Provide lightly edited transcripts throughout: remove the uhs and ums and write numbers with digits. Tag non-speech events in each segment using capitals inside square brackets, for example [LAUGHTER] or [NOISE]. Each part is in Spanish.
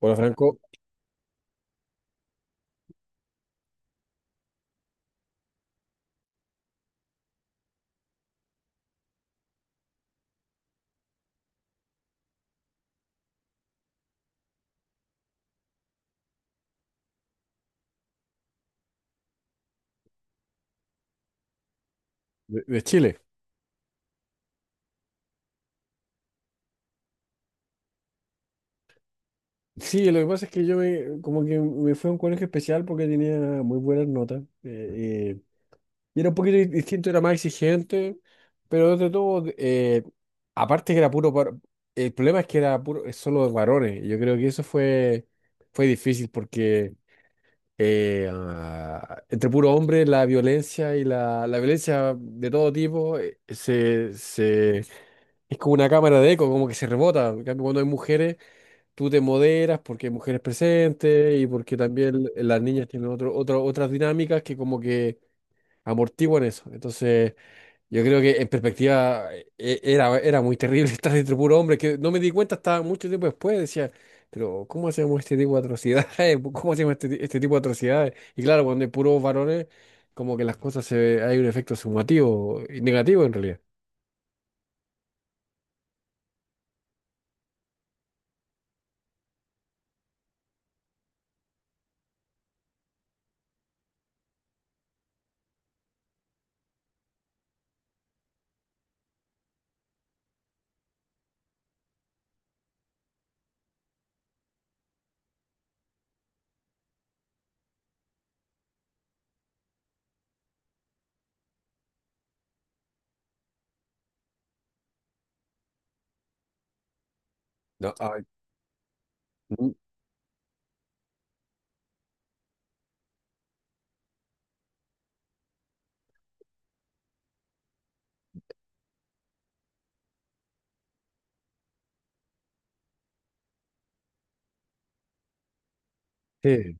Hola, Franco. De Chile. Sí, lo que pasa es que yo me, como que me fui a un colegio especial porque tenía muy buenas notas. Y era un poquito distinto, era más exigente, pero de todo, aparte que era puro, el problema es que era puro, es solo de varones. Y yo creo que eso fue difícil porque entre puro hombre la violencia y la violencia de todo tipo, es como una cámara de eco, como que se rebota. En cambio, cuando hay mujeres tú te moderas porque hay mujeres presentes y porque también las niñas tienen otras dinámicas que como que amortiguan eso. Entonces, yo creo que en perspectiva era muy terrible [LAUGHS] estar entre puro hombre, que no me di cuenta hasta mucho tiempo después, decía, pero ¿cómo hacemos este tipo de atrocidades? [LAUGHS] ¿Cómo hacemos este tipo de atrocidades? Y claro, cuando hay puros varones, como que las cosas hay un efecto sumativo y negativo en realidad. No, ay, mm, sí.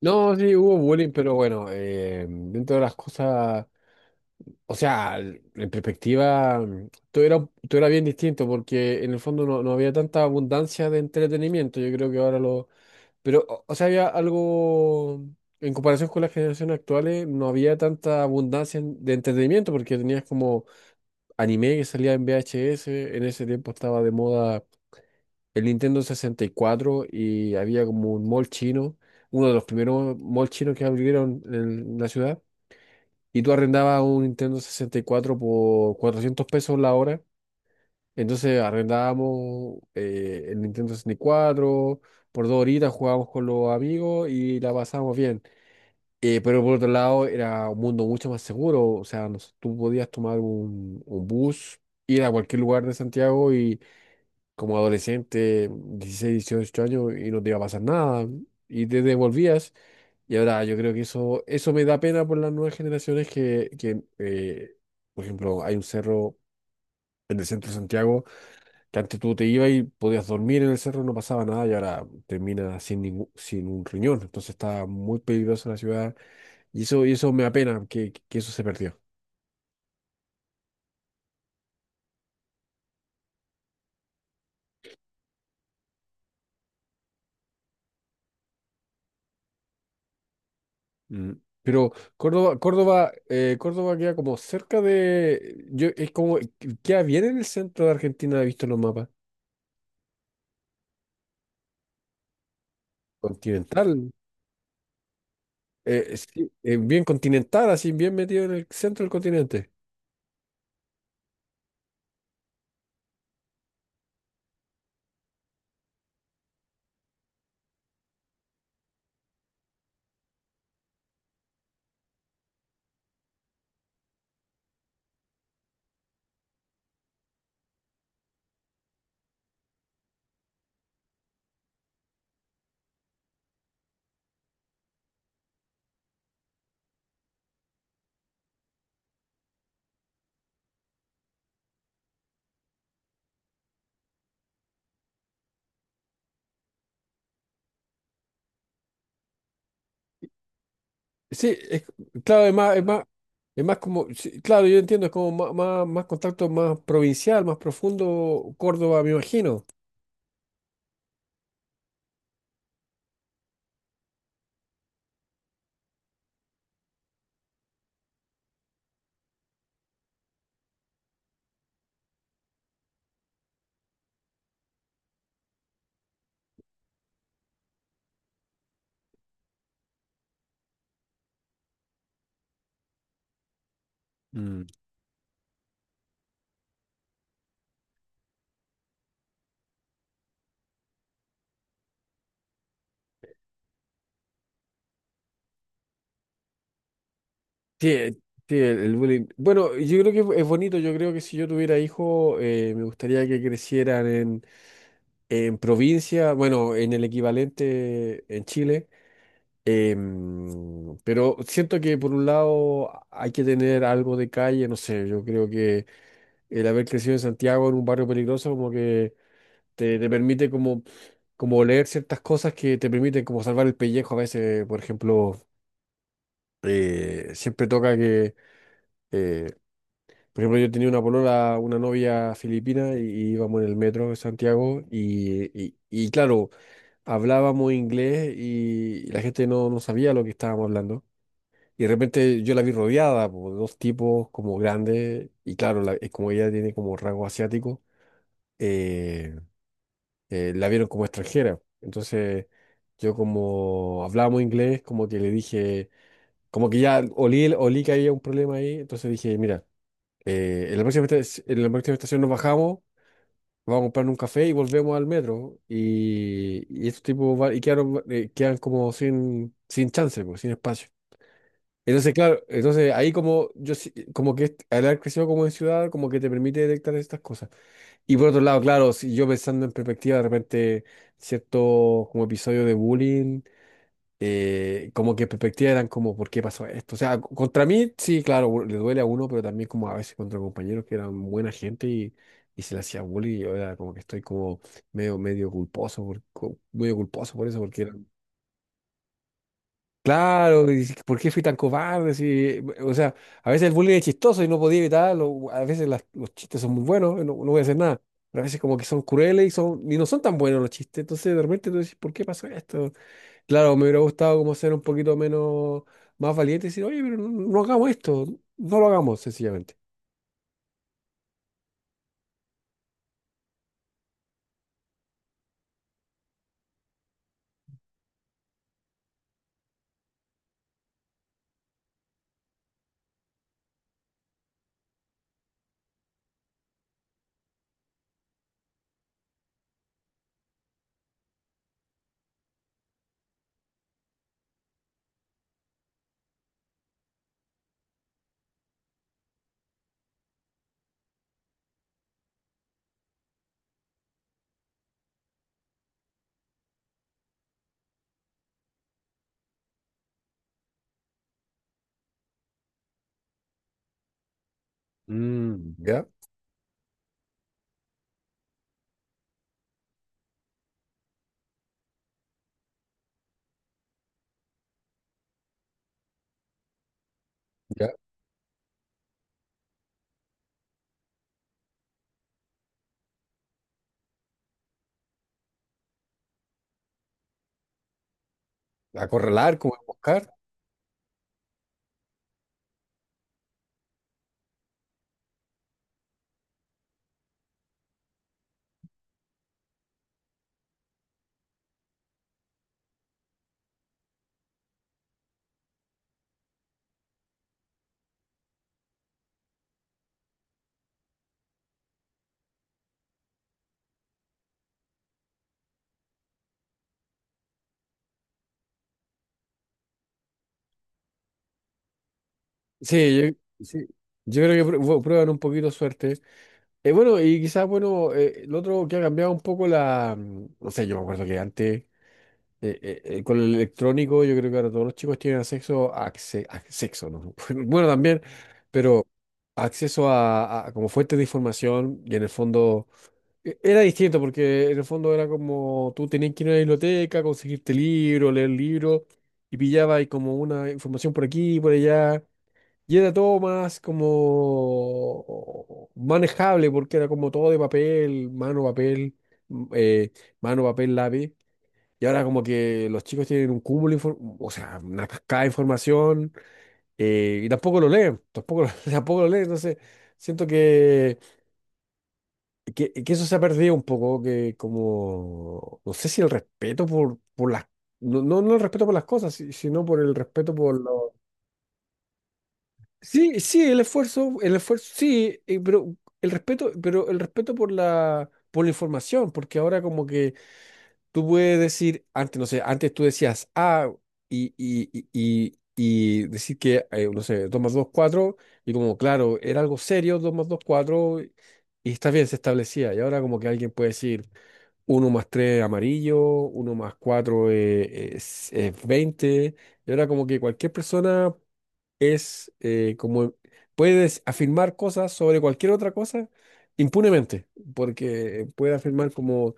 No, sí, hubo bullying, pero bueno, dentro de las cosas. O sea, en perspectiva, todo era bien distinto porque en el fondo no había tanta abundancia de entretenimiento. Yo creo que ahora lo. Pero, o sea, había algo, en comparación con las generaciones actuales, no había tanta abundancia de entretenimiento porque tenías como anime que salía en VHS. En ese tiempo estaba de moda el Nintendo 64 y cuatro y había como un mall chino, uno de los primeros malls chinos que abrieron en la ciudad y tú arrendabas un Nintendo 64 por 400 pesos la hora. Entonces arrendábamos el Nintendo 64, por dos horitas jugábamos con los amigos y la pasábamos bien. Pero por otro lado era un mundo mucho más seguro. O sea, tú podías tomar un bus, ir a cualquier lugar de Santiago y como adolescente, 16, 18 años, y no te iba a pasar nada. Y te devolvías. Y ahora yo creo que eso me da pena por las nuevas generaciones que, por ejemplo, hay un cerro en el centro de Santiago que antes tú te ibas y podías dormir en el cerro, no pasaba nada y ahora termina sin ningún, sin un riñón. Entonces está muy peligrosa la ciudad y eso me apena que eso se perdió. Mm. Pero Córdoba queda como cerca de, yo, es como, queda bien en el centro de Argentina, he visto en los mapas. Continental. Sí, bien continental, así bien metido en el centro del continente. Sí, claro, es más como, sí, claro, yo entiendo, es como más contacto más provincial, más profundo, Córdoba, me imagino. Mm. Sí, sí, el bullying. Bueno, yo creo que es bonito, yo creo que si yo tuviera hijos, me gustaría que crecieran en provincia, bueno, en el equivalente en Chile. Pero siento que por un lado hay que tener algo de calle, no sé, yo creo que el haber crecido en Santiago en un barrio peligroso como que te permite como leer ciertas cosas que te permiten como salvar el pellejo a veces. Por ejemplo, siempre toca que, eh, por ejemplo, yo tenía una polola, una novia filipina y íbamos en el metro de Santiago y claro, hablábamos inglés y la gente no sabía lo que estábamos hablando. Y de repente yo la vi rodeada por dos tipos como grandes, y claro, como ella tiene como rasgo asiático, eh, la vieron como extranjera. Entonces yo como hablábamos inglés, como que le dije, como que ya olí, olí que había un problema ahí, entonces dije, mira, en la próxima, en la próxima estación nos bajamos, vamos a comprar un café y volvemos al metro. Y estos tipos y quedan como sin chance, pues, sin espacio. Entonces, claro, entonces ahí como como que al haber crecido como en ciudad, como que te permite detectar estas cosas. Y por otro lado, claro, si yo pensando en perspectiva, de repente ciertos como episodios de bullying, como que en perspectiva eran como, ¿por qué pasó esto? O sea, contra mí, sí, claro, le duele a uno, pero también como a veces contra compañeros que eran buena gente y se le hacía bullying, y yo era como que estoy como medio culposo, por, medio culposo por eso, porque eran. Claro, y dices, ¿por qué fui tan cobarde? Si, o sea, a veces el bullying es chistoso y no podía evitarlo. A veces los chistes son muy buenos, no voy a hacer nada, pero a veces como que son crueles y no son tan buenos los chistes. Entonces de repente tú dices, ¿por qué pasó esto? Claro, me hubiera gustado como ser un poquito más valiente y decir, oye, pero no, hagamos esto, no lo hagamos sencillamente. Mm, ya, ya. Acorralar, como buscar. Sí, Sí. Yo creo que prueban un poquito suerte. Bueno, y quizás, bueno, lo otro que ha cambiado un poco la. No sé, yo me acuerdo que antes, con el electrónico, yo creo que ahora todos los chicos tienen acceso a sexo, ¿no? [LAUGHS] Bueno, también, pero acceso a como fuente de información y en el fondo era distinto porque en el fondo era como tú tenías que ir a la biblioteca, conseguirte libro, leer libro y pillabas ahí como una información por aquí y por allá. Y era todo más como manejable, porque era como todo de papel, mano, papel, m- eh, mano, papel, lápiz. Y ahora como que los chicos tienen un cúmulo, o sea, una cascada de información, y tampoco lo leen, tampoco lo, [LAUGHS] tampoco lo leen. Entonces, siento que eso se ha perdido un poco, que como, no sé si el respeto por las, no, no, no el respeto por las cosas, sino por el respeto por los. Sí, sí, el esfuerzo, sí, pero el respeto por la información, porque ahora como que tú puedes decir, antes, no sé, antes tú decías ah, y decir que, no sé, 2 más 2 4 y como, claro, era algo serio, 2 más 2 4 y está bien, se establecía, y ahora como que alguien puede decir uno más 3 amarillo, uno más 4 es 20, y ahora como que cualquier persona es como puedes afirmar cosas sobre cualquier otra cosa impunemente, porque puede afirmar como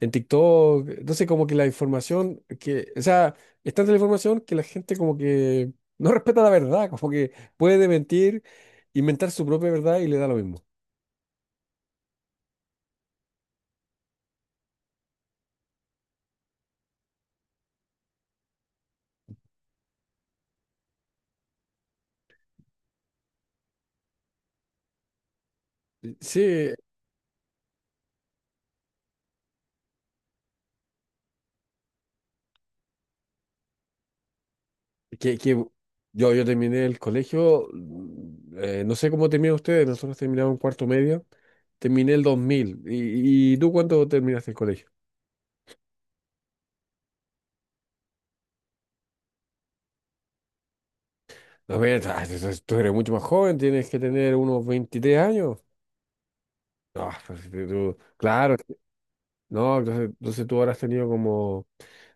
en TikTok. Entonces como que la información o sea, es tanta la información que la gente como que [LAUGHS] no respeta la verdad, como que puede mentir, inventar su propia verdad y le da lo mismo. Sí, que yo terminé el colegio, no sé cómo terminan ustedes, nosotros terminamos en cuarto medio, terminé el 2000. ¿Y tú cuándo terminaste el colegio? No, pero tú eres mucho más joven, tienes que tener unos 23 años. No, pues, si tú, claro, si, no, entonces tú habrás tenido como.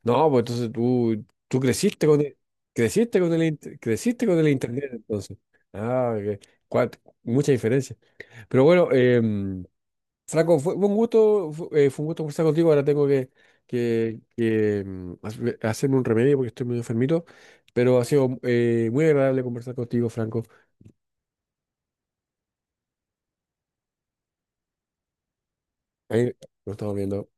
No, pues entonces tú creciste con el internet, entonces. Ah, ok. Mucha diferencia. Pero bueno, Franco, fue un gusto, un gusto conversar contigo. Ahora tengo que hacerme un remedio porque estoy medio enfermito, pero ha sido muy agradable conversar contigo, Franco. Ahí nos estamos viendo.